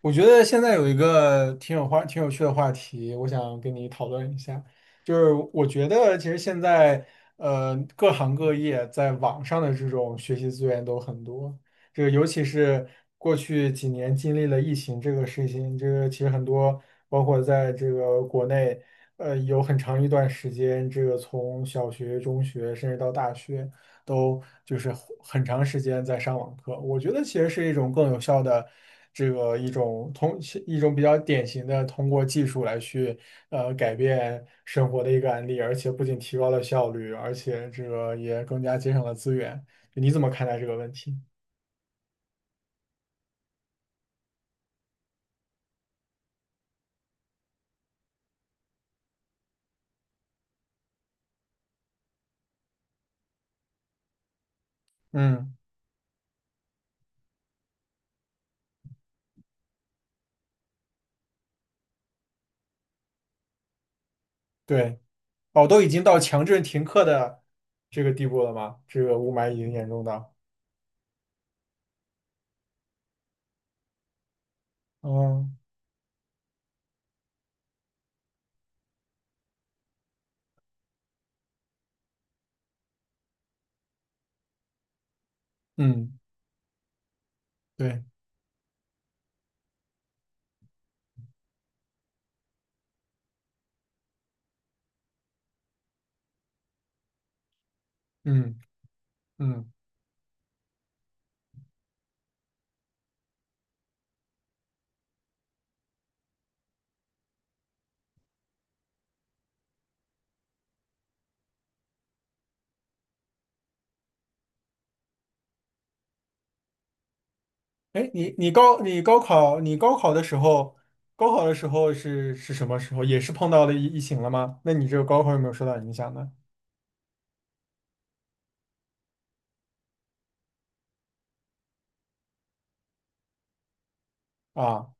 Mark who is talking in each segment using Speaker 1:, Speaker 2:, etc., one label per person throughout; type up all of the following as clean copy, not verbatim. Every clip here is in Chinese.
Speaker 1: 我觉得现在有一个挺有趣的话题，我想跟你讨论一下。就是我觉得，其实现在各行各业在网上的这种学习资源都很多。这个尤其是过去几年经历了疫情这个事情，这个其实很多，包括在这个国内，有很长一段时间，这个从小学、中学甚至到大学。都就是很长时间在上网课。我觉得其实是一种更有效的这个一种通一种比较典型的通过技术来去改变生活的一个案例，而且不仅提高了效率，而且这个也更加节省了资源。你怎么看待这个问题？嗯，对，哦，都已经到强制停课的这个地步了吗？这个雾霾已经严重到，嗯嗯，对，嗯嗯。哎，你你高你高考你高考的时候，高考的时候是什么时候？也是碰到了疫情了吗？那你这个高考有没有受到影响呢？啊，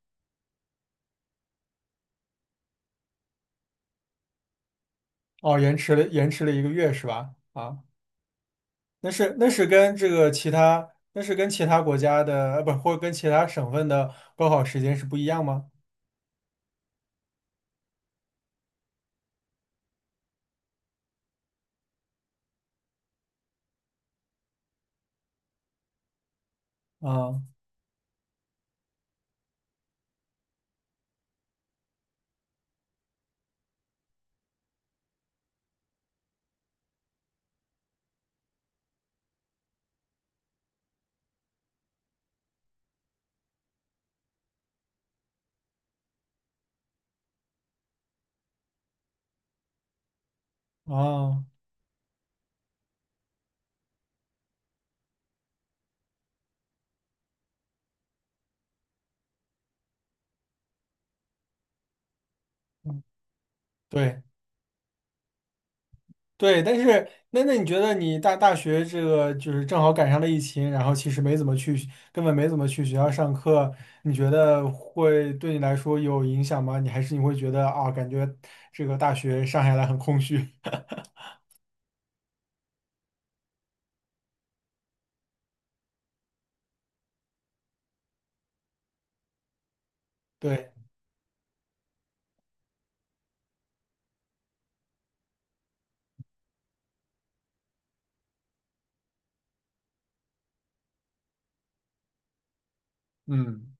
Speaker 1: 哦，延迟了一个月是吧？啊，那是跟其他国家的，呃，不，或者跟其他省份的高考时间是不一样吗？啊啊，对。对，但是那你觉得你大学这个就是正好赶上了疫情，然后其实没怎么去，根本没怎么去学校上课，你觉得会对你来说有影响吗？你还是你会觉得啊，感觉这个大学上下来很空虚？对，嗯，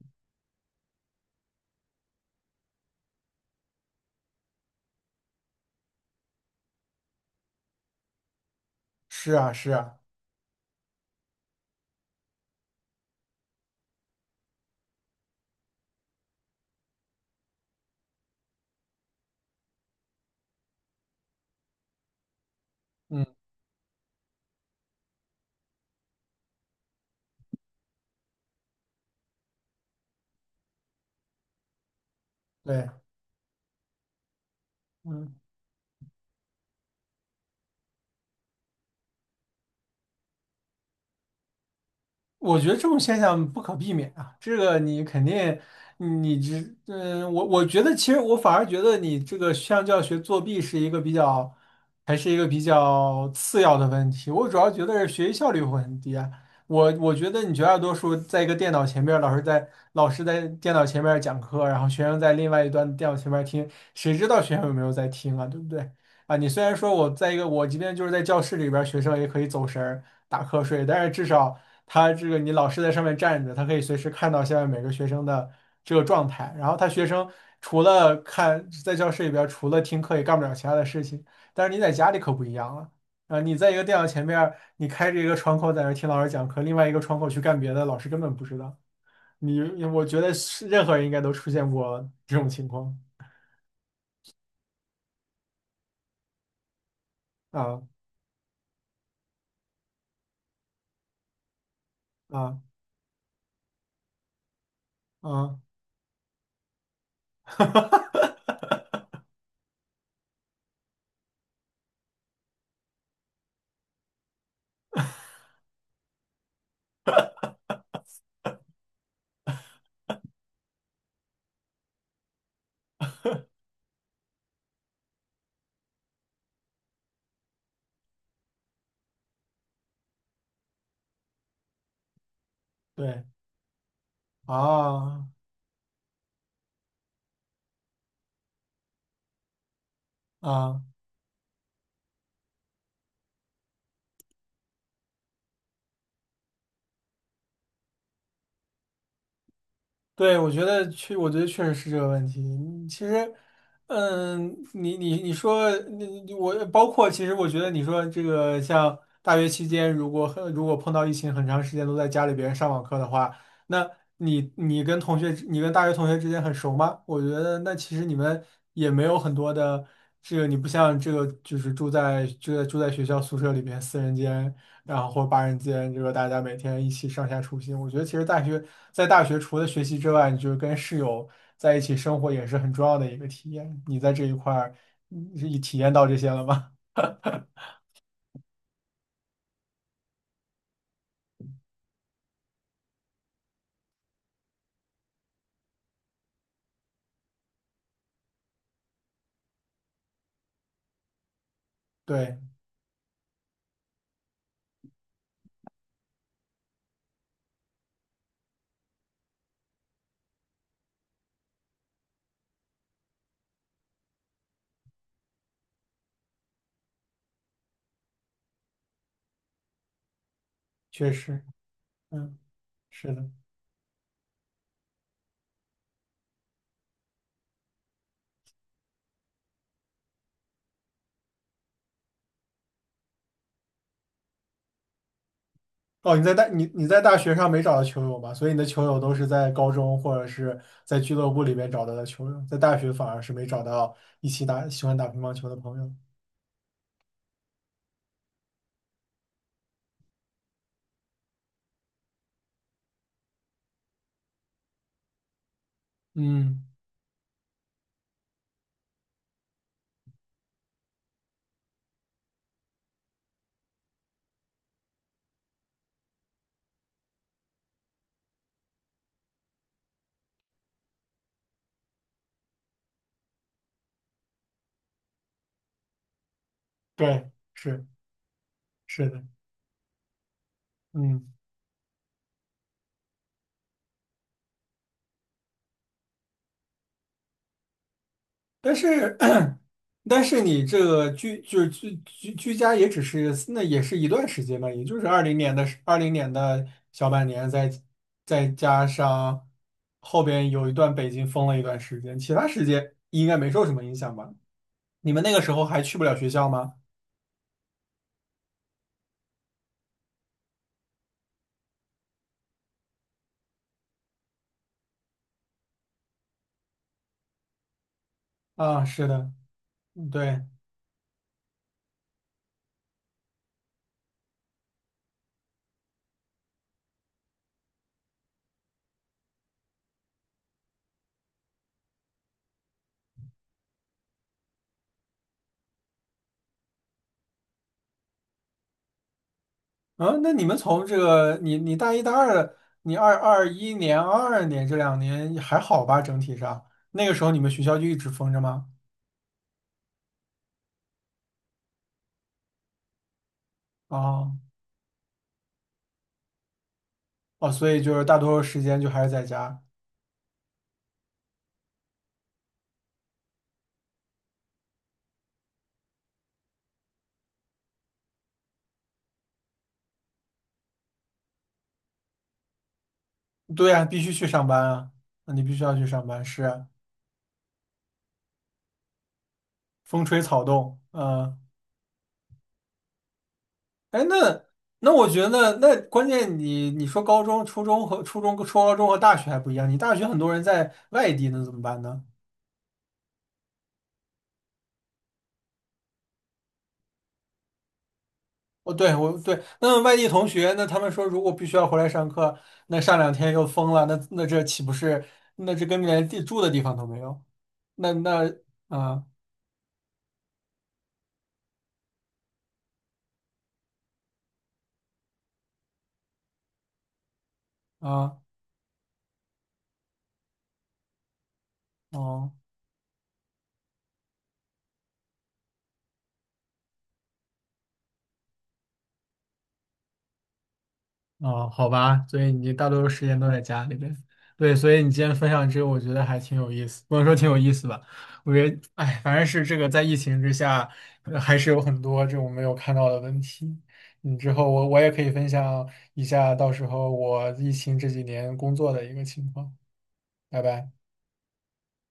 Speaker 1: 是啊，是啊，嗯，对，嗯。我觉得这种现象不可避免啊，这个你肯定，你这，嗯，我觉得其实我反而觉得你这个像教学作弊是一个比较，还是一个比较次要的问题。我主要觉得是学习效率会很低啊。我觉得你绝大多数在一个电脑前面，老师在电脑前面讲课，然后学生在另外一端电脑前面听，谁知道学生有没有在听啊，对不对？啊，你虽然说我在一个我即便就是在教室里边儿学生也可以走神儿打瞌睡，但是至少他这个你老师在上面站着，他可以随时看到下面每个学生的这个状态。然后他学生除了看在教室里边儿除了听课也干不了其他的事情。但是你在家里可不一样了，啊，你在一个电脑前面儿你开着一个窗口在那儿听老师讲课，另外一个窗口去干别的，老师根本不知道。你我觉得是任何人应该都出现过这种情况啊啊啊！对啊。啊，对，我觉得确实是这个问题。嗯其实，嗯，你你你说，你你我包括，其实我觉得你说这个像大学期间，如果碰到疫情很长时间都在家里边上网课的话，那你你跟同学，你跟大学同学之间很熟吗？我觉得那其实你们也没有很多的这个，你不像这个就是住在学校宿舍里边四人间。然后或者八人间，这个大家每天一起上下出行。我觉得其实在大学除了学习之外，你就是跟室友在一起生活也是很重要的一个体验。你在这一块儿，你体验到这些了吗？对，确实，嗯，是的。哦，你在大学上没找到球友吧？所以你的球友都是在高中或者是在俱乐部里面找到的球友，在大学反而是没找到一起打喜欢打乒乓球的朋友。嗯，对，是的，嗯。但是，但是你这个居就是居居居家也只是那也是一段时间吧，也就是二零年的小半年再，再加上后边有一段北京封了一段时间，其他时间应该没受什么影响吧？你们那个时候还去不了学校吗？啊，是的，嗯对，啊，那你们从这个你你大一大二，你2021年、2022年这两年还好吧？整体上那个时候你们学校就一直封着吗？啊。哦，所以就是大多数时间就还是在家。对呀，必须去上班啊，那你必须要去上班，是啊风吹草动，嗯，哎，那我觉得那关键你你说高中、初中和初中、初高中和大学还不一样，你大学很多人在外地，那怎么办呢？哦，对，我对，那外地同学，那他们说如果必须要回来上课，那上两天又疯了，那这岂不是那这根本连地住的地方都没有？那那啊啊哦。哦，好吧，所以你大多数时间都在家里边。对，所以你今天分享这个，我觉得还挺有意思，不能说挺有意思吧，我觉得，哎，反正是这个在疫情之下，还是有很多这种没有看到的问题。嗯，之后我也可以分享一下，到时候我疫情这几年工作的一个情况。拜拜。